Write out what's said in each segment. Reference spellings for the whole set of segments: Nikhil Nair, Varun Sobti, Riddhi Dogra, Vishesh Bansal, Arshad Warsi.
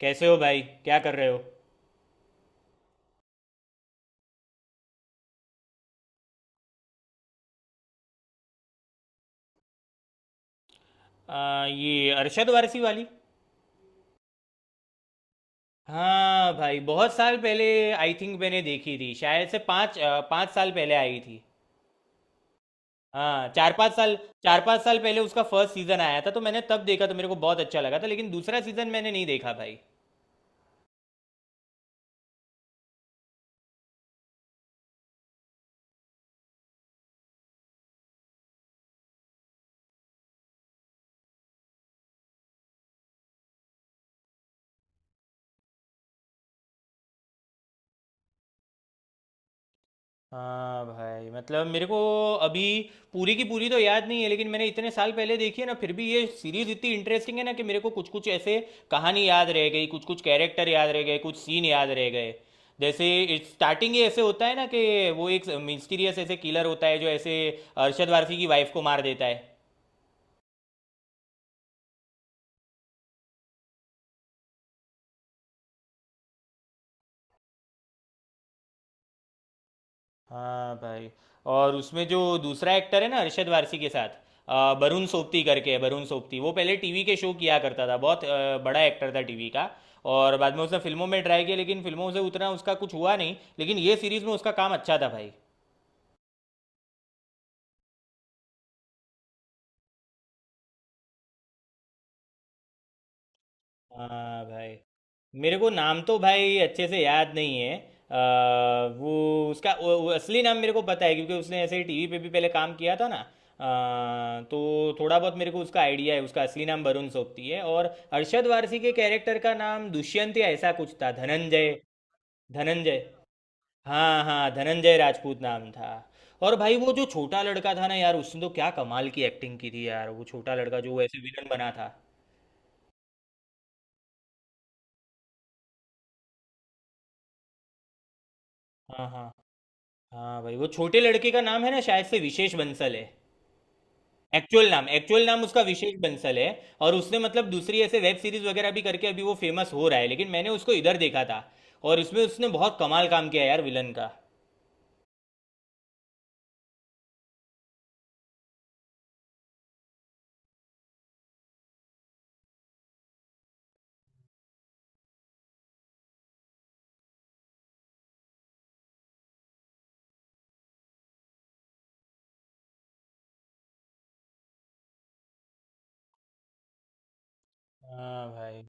कैसे हो भाई? क्या कर रहे हो? ये अरशद वारसी वाली? हाँ भाई, बहुत साल पहले। आई थिंक मैंने देखी थी, शायद से पाँच साल पहले आई थी। हाँ, 4-5 साल। 4-5 साल पहले उसका फर्स्ट सीजन आया था, तो मैंने तब देखा तो मेरे को बहुत अच्छा लगा था। लेकिन दूसरा सीजन मैंने नहीं देखा भाई। हाँ भाई, मतलब मेरे को अभी पूरी की पूरी तो याद नहीं है, लेकिन मैंने इतने साल पहले देखी है ना, फिर भी ये सीरीज इतनी इंटरेस्टिंग है ना कि मेरे को कुछ कुछ ऐसे कहानी याद रह गई, कुछ कुछ कैरेक्टर याद रह गए, कुछ सीन याद रह गए। जैसे स्टार्टिंग ही ऐसे होता है ना कि वो एक मिस्टीरियस ऐसे किलर होता है जो ऐसे अरशद वारसी की वाइफ को मार देता है। हाँ भाई। और उसमें जो दूसरा एक्टर है ना अरशद वारसी के साथ, वरुण सोबती करके है। वरुण सोबती वो पहले टीवी के शो किया करता था, बहुत बड़ा एक्टर था टीवी का। और बाद में उसने फिल्मों में ट्राई किया, लेकिन फिल्मों से उतना उसका कुछ हुआ नहीं, लेकिन ये सीरीज में उसका काम अच्छा था भाई। हाँ भाई, मेरे को नाम तो भाई अच्छे से याद नहीं है। अ, वो उसका वो असली नाम मेरे को पता है, क्योंकि उसने ऐसे ही टीवी पे भी पहले काम किया था ना। तो थोड़ा बहुत मेरे को उसका आइडिया है। उसका असली नाम वरुण सोबती है। और अरशद वारसी के कैरेक्टर का नाम दुष्यंत या ऐसा कुछ था, धनंजय। धनंजय, हाँ हाँ, धनंजय राजपूत नाम था। और भाई वो जो छोटा लड़का था ना यार, उसने तो क्या कमाल की एक्टिंग की थी यार। वो छोटा लड़का जो ऐसे विलन बना था। हाँ हाँ। हाँ भाई, वो छोटे लड़के का नाम है ना, शायद से विशेष बंसल है। एक्चुअल नाम उसका विशेष बंसल है। और उसने मतलब दूसरी ऐसे वेब सीरीज वगैरह भी करके अभी वो फेमस हो रहा है, लेकिन मैंने उसको इधर देखा था। और उसमें उसने बहुत कमाल काम किया यार, विलन का। हाँ भाई।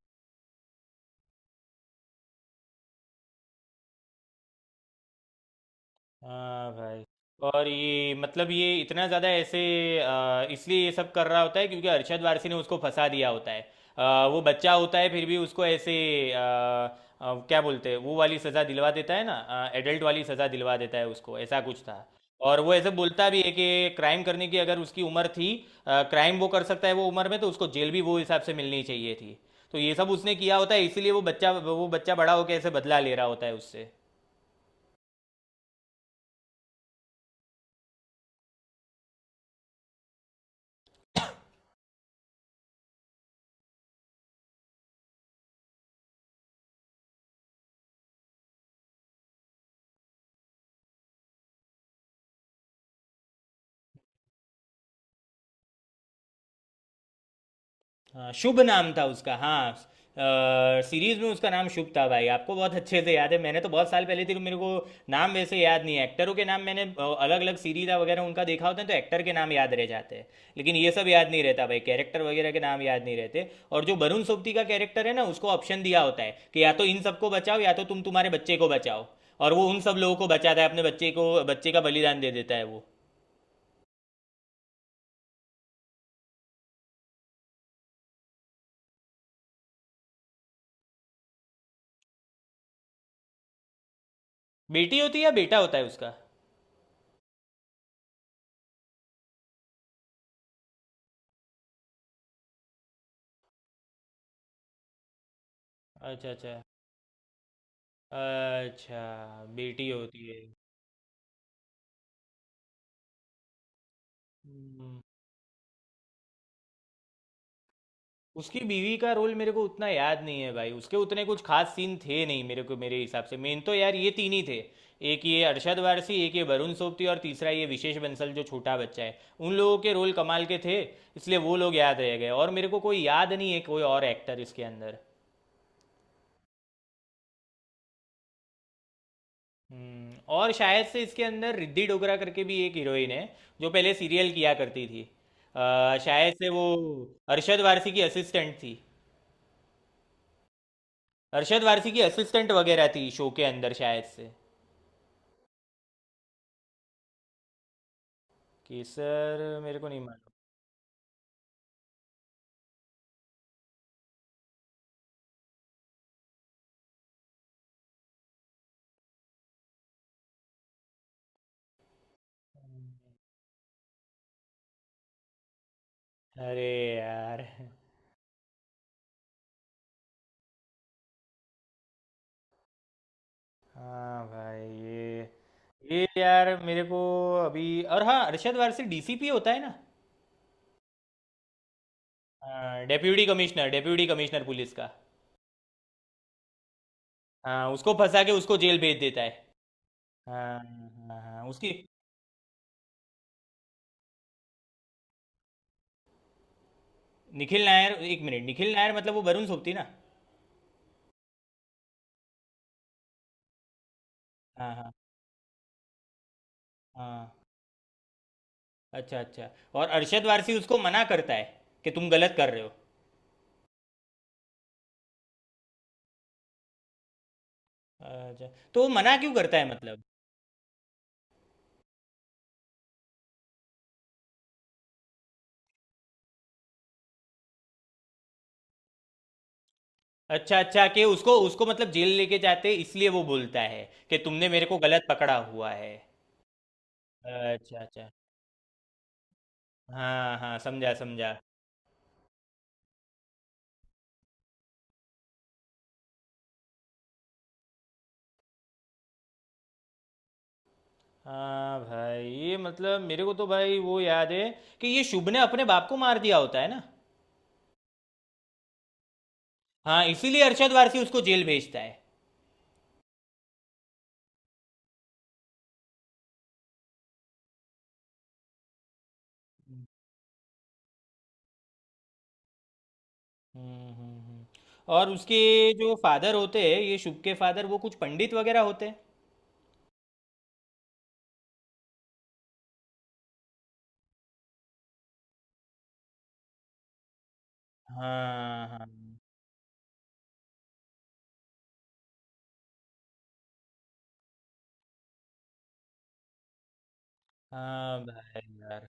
हाँ भाई। और ये मतलब ये इतना ज़्यादा ऐसे इसलिए ये सब कर रहा होता है, क्योंकि अरशद वारसी ने उसको फंसा दिया होता है। वो बच्चा होता है, फिर भी उसको ऐसे आ, आ, क्या बोलते हैं वो वाली सज़ा दिलवा देता है ना, एडल्ट वाली सज़ा दिलवा देता है उसको, ऐसा कुछ था। और वो ऐसे बोलता भी है कि क्राइम करने की अगर उसकी उम्र थी, क्राइम वो कर सकता है वो उम्र में, तो उसको जेल भी वो हिसाब से मिलनी चाहिए थी। तो ये सब उसने किया होता है, इसीलिए वो बच्चा बड़ा होकर ऐसे बदला ले रहा होता है उससे। हाँ, शुभ नाम था उसका। हाँ, सीरीज में उसका नाम शुभ था भाई। आपको बहुत अच्छे से याद है। मैंने तो बहुत साल पहले थी तो मेरे को नाम वैसे याद नहीं है। एक्टरों के नाम मैंने अलग अलग सीरीज वगैरह उनका देखा होता है तो एक्टर के नाम याद रह जाते हैं, लेकिन ये सब याद नहीं रहता भाई, कैरेक्टर वगैरह के नाम याद नहीं रहते। और जो वरुण सोबती का कैरेक्टर है ना, उसको ऑप्शन दिया होता है कि या तो इन सबको बचाओ, या तो तुम तुम्हारे बच्चे को बचाओ। और वो उन सब लोगों को बचाता है, अपने बच्चे को, बच्चे का बलिदान दे देता है वो। बेटी होती है या बेटा होता है उसका? अच्छा अच्छा। अच्छा, बेटी होती है। हम्म, उसकी बीवी का रोल मेरे को उतना याद नहीं है भाई, उसके उतने कुछ खास सीन थे नहीं। मेरे को, मेरे हिसाब से मेन तो यार ये तीन ही थे। एक ये अरशद वारसी, एक ये वरुण सोबती, और तीसरा ये विशेष बंसल जो छोटा बच्चा है। उन लोगों के रोल कमाल के थे, इसलिए वो लोग याद रह गए। और मेरे को कोई याद नहीं है, कोई और एक्टर इसके अंदर। और शायद से इसके अंदर रिद्धि डोगरा करके भी एक हीरोइन है, जो पहले सीरियल किया करती थी। शायद से वो अरशद वारसी की असिस्टेंट थी। अरशद वारसी की असिस्टेंट वगैरह थी शो के अंदर शायद से। कि सर, मेरे को नहीं मालूम। अरे यार। हाँ भाई, ये यार मेरे को अभी। और हाँ, अरशद वारसी डीसीपी होता है ना। हाँ, deputy commissioner, deputy commissioner police का। हाँ, उसको फंसा के उसको जेल भेज देता है। हाँ हाँ हाँ, उसकी। निखिल नायर, एक मिनट, निखिल नायर मतलब वो वरुण सोबती ना। हाँ हाँ। हाँ। अच्छा अच्छा। और अरशद वारसी उसको मना करता है कि तुम गलत कर रहे हो। अच्छा, तो वो मना क्यों करता है मतलब? अच्छा अच्छा, कि उसको, उसको मतलब जेल लेके जाते, इसलिए वो बोलता है कि तुमने मेरे को गलत पकड़ा हुआ है। अच्छा अच्छा, हाँ हाँ, समझा समझा। हाँ भाई, ये मतलब मेरे को तो भाई वो याद है कि ये शुभ ने अपने बाप को मार दिया होता है ना। हाँ, इसीलिए अरशद वारसी उसको जेल भेजता है। हम्म। हम्म, हम्म। और उसके जो फादर होते हैं, ये शुभ के फादर वो कुछ पंडित वगैरह होते हैं। हाँ हाँ। हाँ भाई यार,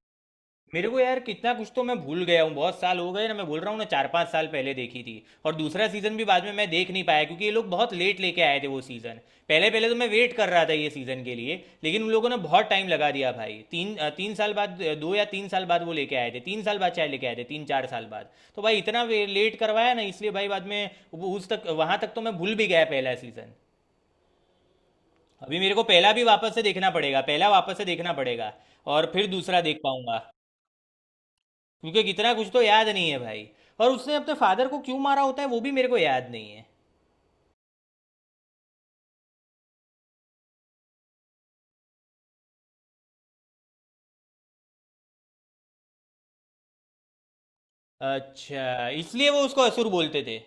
मेरे को यार कितना कुछ तो मैं भूल गया हूँ। बहुत साल हो गए ना, मैं बोल रहा हूँ ना, 4-5 साल पहले देखी थी। और दूसरा सीजन भी बाद में मैं देख नहीं पाया, क्योंकि ये लोग बहुत लेट लेके आए थे वो सीजन। पहले पहले तो मैं वेट कर रहा था ये सीजन के लिए। लेकिन उन लोगों ने बहुत टाइम लगा दिया भाई, तीन साल बाद, 2 या 3 साल बाद वो लेके आए थे, 3 साल बाद शायद लेके आए थे, 3-4 साल बाद। तो भाई इतना लेट करवाया ना, इसलिए भाई बाद में वो उस तक, वहां तक तो मैं भूल भी गया पहला सीजन। अभी मेरे को पहला भी वापस से देखना पड़ेगा, पहला वापस से देखना पड़ेगा। और फिर दूसरा देख पाऊंगा, क्योंकि कितना कुछ तो याद नहीं है भाई। और उसने अपने फादर को क्यों मारा होता है वो भी मेरे को याद नहीं है। अच्छा, इसलिए वो उसको असुर बोलते थे।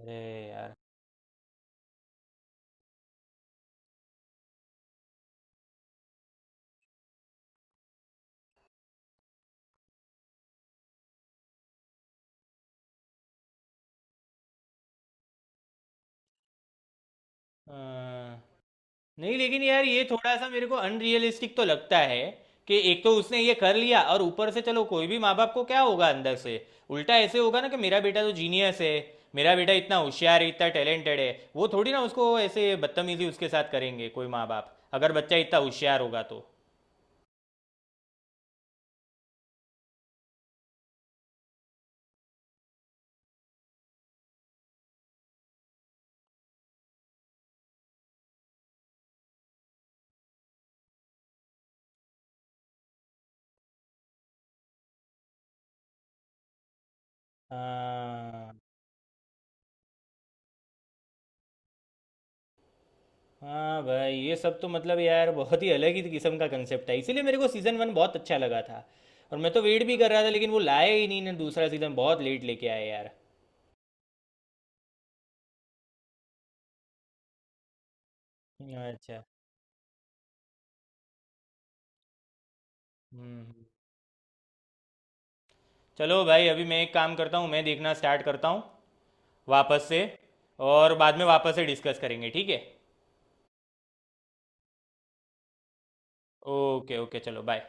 अरे यार। अ, नहीं, लेकिन यार ये थोड़ा सा मेरे को अनरियलिस्टिक तो लगता है कि एक तो उसने ये कर लिया, और ऊपर से चलो कोई भी माँ बाप को क्या होगा अंदर से? उल्टा ऐसे होगा ना कि मेरा बेटा तो जीनियस है, मेरा बेटा इतना होशियार है, इतना टैलेंटेड है। वो थोड़ी ना उसको ऐसे बदतमीजी उसके साथ करेंगे कोई माँ बाप, अगर बच्चा इतना होशियार होगा तो। हाँ हाँ भाई, ये सब तो मतलब यार बहुत ही अलग ही किस्म का कंसेप्ट है, इसीलिए मेरे को सीज़न 1 बहुत अच्छा लगा था। और मैं तो वेट भी कर रहा था, लेकिन वो लाए ही नहीं ना दूसरा सीज़न, बहुत लेट लेके आए यार। अच्छा। हम्म चलो भाई, अभी मैं एक काम करता हूँ, मैं देखना स्टार्ट करता हूँ वापस से। और बाद में वापस से डिस्कस करेंगे, ठीक है? ओके ओके, चलो बाय।